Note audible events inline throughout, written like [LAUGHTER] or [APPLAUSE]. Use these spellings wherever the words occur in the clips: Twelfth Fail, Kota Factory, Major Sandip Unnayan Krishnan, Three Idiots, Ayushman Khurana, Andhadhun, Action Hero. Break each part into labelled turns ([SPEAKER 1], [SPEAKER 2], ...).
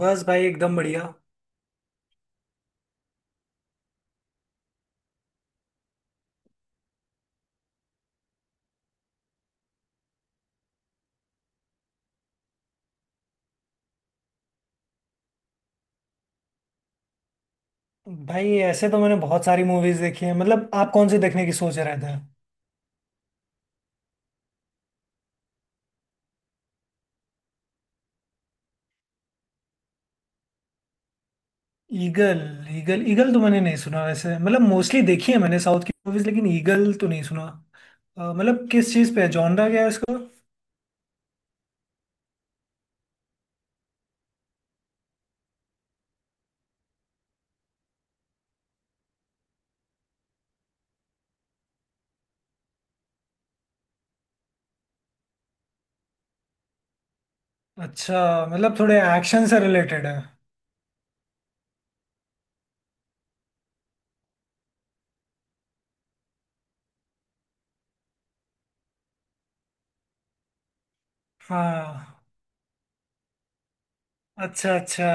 [SPEAKER 1] बस भाई एकदम बढ़िया। भाई ऐसे तो मैंने बहुत सारी मूवीज देखी है। मतलब आप कौन सी देखने की सोच रहे थे। ईगल। ईगल ईगल तो मैंने नहीं सुना वैसे। मतलब मोस्टली देखी है मैंने साउथ की मूवीज, लेकिन ईगल तो नहीं सुना। मतलब किस चीज़ पे है, जॉनरा क्या है इसको। अच्छा, मतलब थोड़े एक्शन से रिलेटेड है। हाँ, अच्छा अच्छा।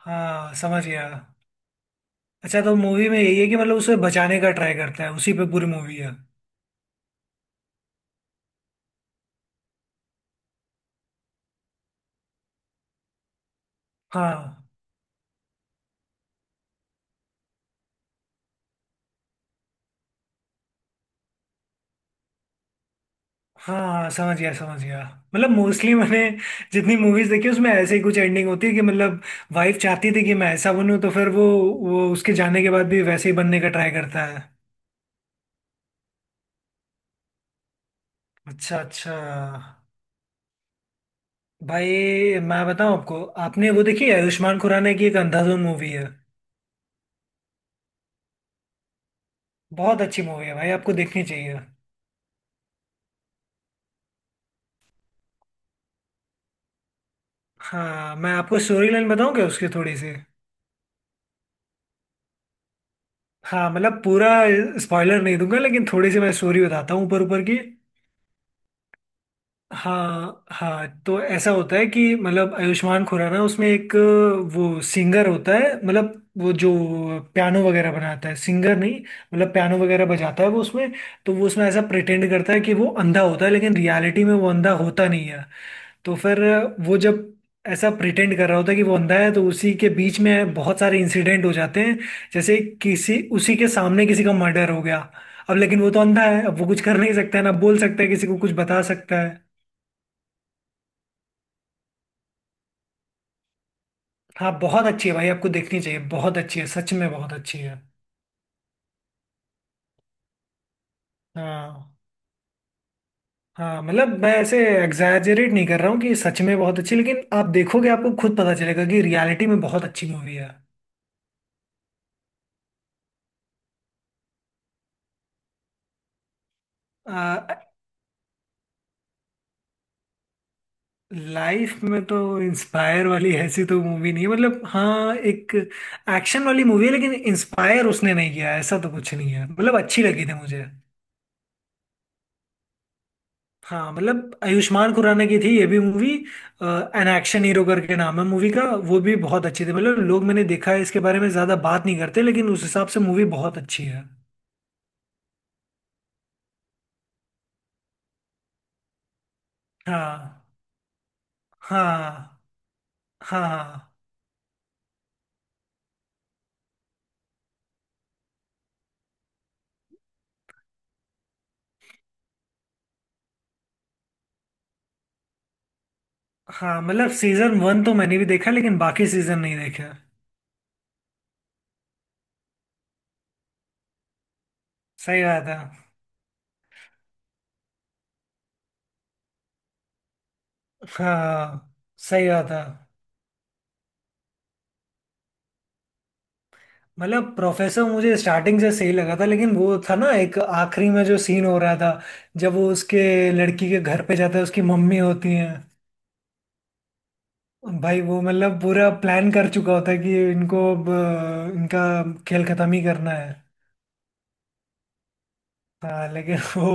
[SPEAKER 1] हाँ समझ गया। अच्छा, तो मूवी में यही है कि मतलब उसे बचाने का ट्राई करता है, उसी पे पूरी मूवी है। हाँ। हाँ समझ गया समझ गया। मतलब मोस्टली मैंने जितनी मूवीज देखी उसमें ऐसे ही कुछ एंडिंग होती है कि मतलब वाइफ चाहती थी कि मैं ऐसा बनूं, तो फिर वो उसके जाने के बाद भी वैसे ही बनने का ट्राई करता है। अच्छा अच्छा। भाई, मैं बताऊं आपको, आपने वो देखी है आयुष्मान खुराना की, एक अंधाधुन मूवी है। बहुत अच्छी मूवी है भाई, आपको देखनी चाहिए। हाँ, मैं आपको स्टोरी लाइन बताऊं क्या उसकी थोड़ी सी। हाँ मतलब पूरा स्पॉइलर नहीं दूंगा, लेकिन थोड़ी सी मैं स्टोरी बताता हूँ ऊपर ऊपर की। हाँ हाँ, तो ऐसा होता है कि मतलब आयुष्मान खुराना उसमें एक, वो सिंगर होता है। मतलब वो जो पियानो वगैरह बनाता है, सिंगर नहीं, मतलब पियानो वगैरह बजाता है वो उसमें। तो वो उसमें ऐसा प्रिटेंड करता है कि वो अंधा होता है, लेकिन रियलिटी में वो अंधा होता नहीं है। तो फिर वो जब ऐसा प्रिटेंड कर रहा होता है कि वो अंधा है, तो उसी के बीच में बहुत सारे इंसिडेंट हो जाते हैं। जैसे किसी, उसी के सामने किसी का मर्डर हो गया। अब लेकिन वो तो अंधा है, अब वो कुछ कर नहीं सकता है, ना बोल सकता है किसी को, कुछ बता सकता है। हाँ बहुत अच्छी है भाई, आपको देखनी चाहिए, बहुत अच्छी है, सच में बहुत अच्छी है। हाँ। हाँ मतलब मैं ऐसे एग्जैजरेट नहीं कर रहा हूँ कि सच में बहुत अच्छी, लेकिन आप देखोगे, आपको खुद पता चलेगा कि रियलिटी में बहुत अच्छी मूवी है। लाइफ में तो इंस्पायर वाली ऐसी तो मूवी नहीं है। मतलब हाँ, एक एक्शन वाली मूवी है, लेकिन इंस्पायर उसने नहीं किया है, ऐसा तो कुछ नहीं है, मतलब अच्छी लगी थी मुझे। हाँ मतलब आयुष्मान खुराना की थी ये भी मूवी, एन एक्शन हीरो करके नाम है मूवी का। वो भी बहुत अच्छी थी। मतलब लोग, मैंने देखा है, इसके बारे में ज्यादा बात नहीं करते, लेकिन उस हिसाब से मूवी बहुत अच्छी है। हाँ। हाँ। हाँ। हाँ मतलब सीजन वन तो मैंने भी देखा, लेकिन बाकी सीजन नहीं देखे। सही बात है। हाँ सही बात है। मतलब प्रोफेसर मुझे स्टार्टिंग से सही लगा था, लेकिन वो था ना एक आखिरी में जो सीन हो रहा था, जब वो उसके लड़की के घर पे जाता है, उसकी मम्मी होती है। भाई वो मतलब पूरा प्लान कर चुका होता है कि इनको अब इनका खेल खत्म ही करना है। हाँ लेकिन [LAUGHS] वो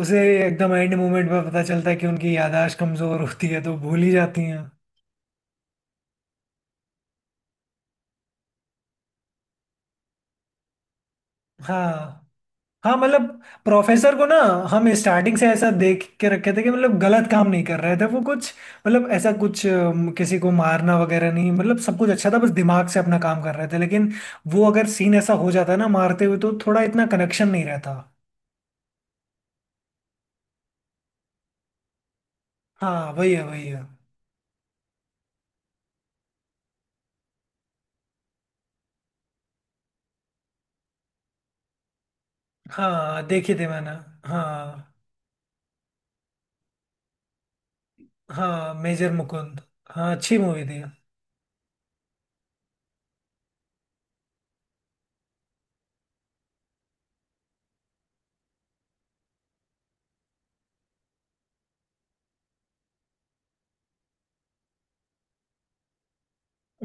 [SPEAKER 1] उसे एकदम एंड मोमेंट में पता चलता है कि उनकी यादाश्त कमजोर होती है तो भूल ही जाती हैं। हाँ। हाँ मतलब प्रोफेसर को ना, हम स्टार्टिंग से ऐसा देख के रखे थे कि मतलब गलत काम नहीं कर रहे थे वो कुछ, मतलब ऐसा कुछ किसी को मारना वगैरह नहीं। मतलब सब कुछ अच्छा था, बस दिमाग से अपना काम कर रहे थे, लेकिन वो अगर सीन ऐसा हो जाता है ना मारते हुए, तो थोड़ा इतना कनेक्शन नहीं रहता। हाँ वही है वही है। हाँ देखे थे मैंने। हाँ। हाँ मेजर मुकुंद। हाँ अच्छी मूवी थी।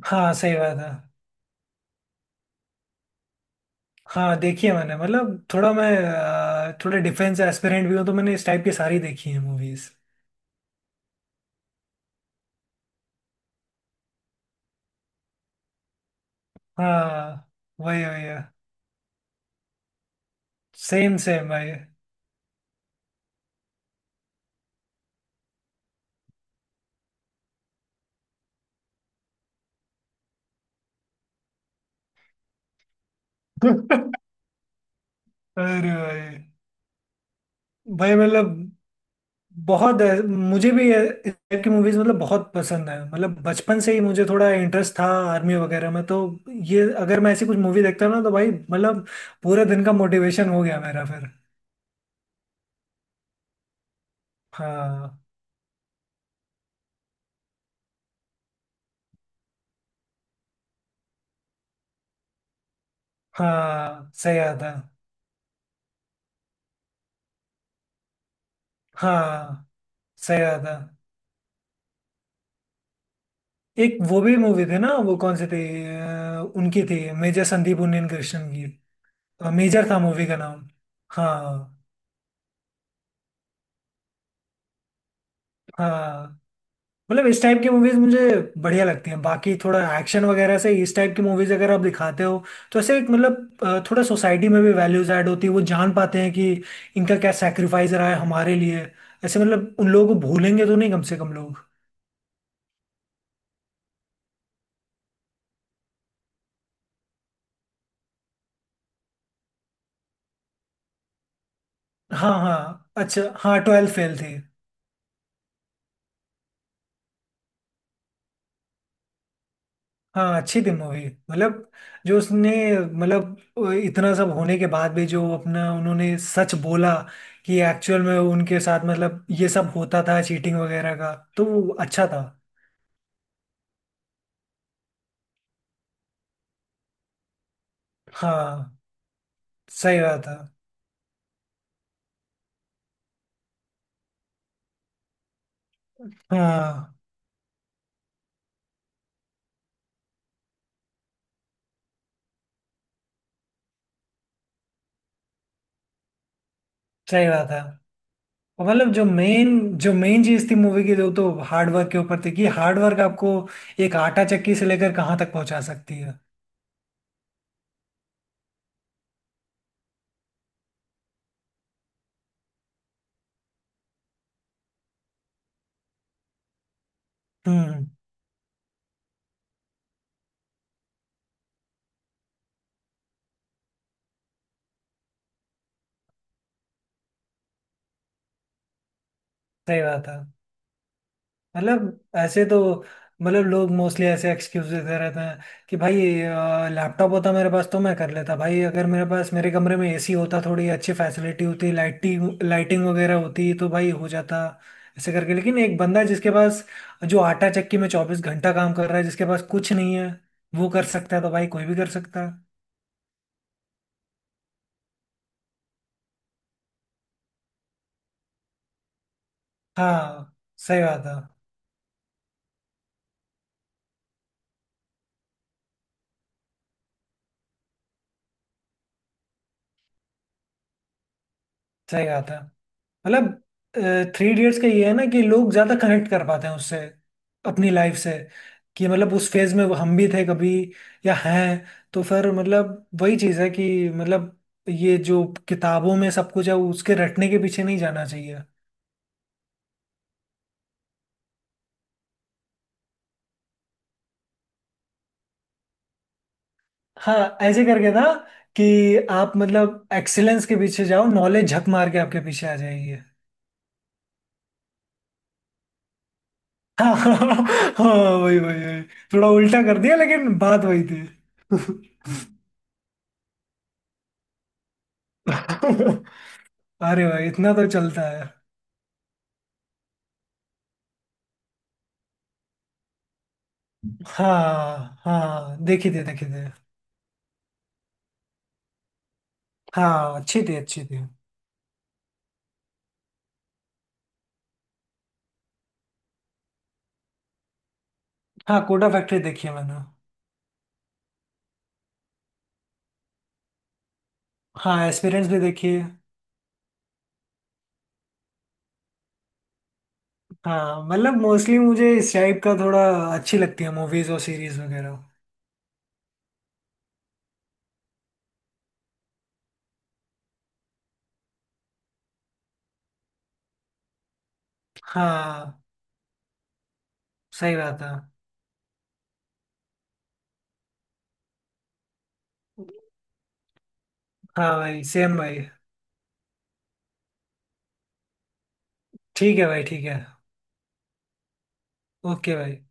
[SPEAKER 1] हाँ सही बात है। हाँ देखी है मैंने, मतलब थोड़ा मैं थोड़ा डिफेंस एस्पिरेंट भी हूँ तो मैंने इस टाइप की सारी देखी है मूवीज। हाँ वही वही है, सेम सेम भाई [LAUGHS] अरे भाई। भाई मतलब बहुत है, इस टाइप की मूवीज मतलब बहुत पसंद है। मतलब बचपन से ही मुझे थोड़ा इंटरेस्ट था आर्मी वगैरह में, तो ये अगर मैं ऐसी कुछ मूवी देखता हूं ना, तो भाई मतलब पूरे दिन का मोटिवेशन हो गया मेरा फिर। हाँ हाँ सही बात है। हाँ सही बात है। एक वो भी मूवी थी ना, वो कौन सी थी, उनकी थी मेजर संदीप उन्नीन कृष्णन की। मेजर था मूवी का नाम। हाँ। हाँ मतलब इस टाइप की मूवीज मुझे बढ़िया लगती हैं, बाकी थोड़ा एक्शन वगैरह से इस टाइप की मूवीज अगर आप दिखाते हो, तो ऐसे एक मतलब थोड़ा सोसाइटी में भी वैल्यूज ऐड होती है, वो जान पाते हैं कि इनका क्या सेक्रीफाइस रहा है हमारे लिए। ऐसे मतलब उन लोगों को भूलेंगे तो नहीं कम से कम लोग। हाँ हाँ अच्छा, हाँ ट्वेल्थ फेल थी। हाँ अच्छी थी मूवी। मतलब जो उसने, मतलब इतना सब होने के बाद भी जो अपना उन्होंने सच बोला, कि एक्चुअल में उनके साथ मतलब ये सब होता था चीटिंग वगैरह का, तो वो अच्छा था। हाँ सही बात है। हाँ सही बात है। और मतलब जो मेन, जो मेन चीज थी मूवी की जो तो हार्डवर्क के ऊपर थी, कि हार्डवर्क आपको एक आटा चक्की से लेकर कहाँ तक पहुंचा सकती है। हम्म। सही बात है। मतलब ऐसे तो, मतलब लोग मोस्टली ऐसे एक्सक्यूज देते रहते हैं कि भाई लैपटॉप होता मेरे पास तो मैं कर लेता, भाई अगर मेरे पास मेरे कमरे में एसी होता, थोड़ी अच्छी फैसिलिटी होती, लाइटिंग लाइटिंग वगैरह होती तो भाई हो जाता, ऐसे करके। लेकिन एक बंदा जिसके पास, जो आटा चक्की में 24 घंटा काम कर रहा है, जिसके पास कुछ नहीं है, वो कर सकता है, तो भाई कोई भी कर सकता है। हाँ सही बात है। सही बात है। मतलब थ्री इडियट्स का ये है ना कि लोग ज्यादा कनेक्ट कर पाते हैं उससे, अपनी लाइफ से, कि मतलब उस फेज में हम भी थे कभी, या हैं, तो फिर मतलब वही चीज है कि मतलब ये जो किताबों में सब कुछ है उसके रटने के पीछे नहीं जाना चाहिए। हाँ ऐसे करके था कि आप मतलब एक्सीलेंस के पीछे जाओ, नॉलेज झक मार के आपके पीछे आ जाएगी। हाँ [LAUGHS] हाँ। वही वही वही। थोड़ा उल्टा कर दिया लेकिन बात वही थी [LAUGHS] अरे भाई इतना तो चलता है। हाँ हाँ देखी थी देखी थी। हाँ अच्छी थी अच्छी थी। हाँ कोटा फैक्ट्री देखी है मैंने। हाँ एक्सपीरियंस भी देखी है। हाँ मतलब मोस्टली मुझे इस टाइप का थोड़ा अच्छी लगती है मूवीज और सीरीज वगैरह। हाँ सही बात है। हाँ भाई सेम भाई। ठीक है भाई ठीक है। ओके भाई।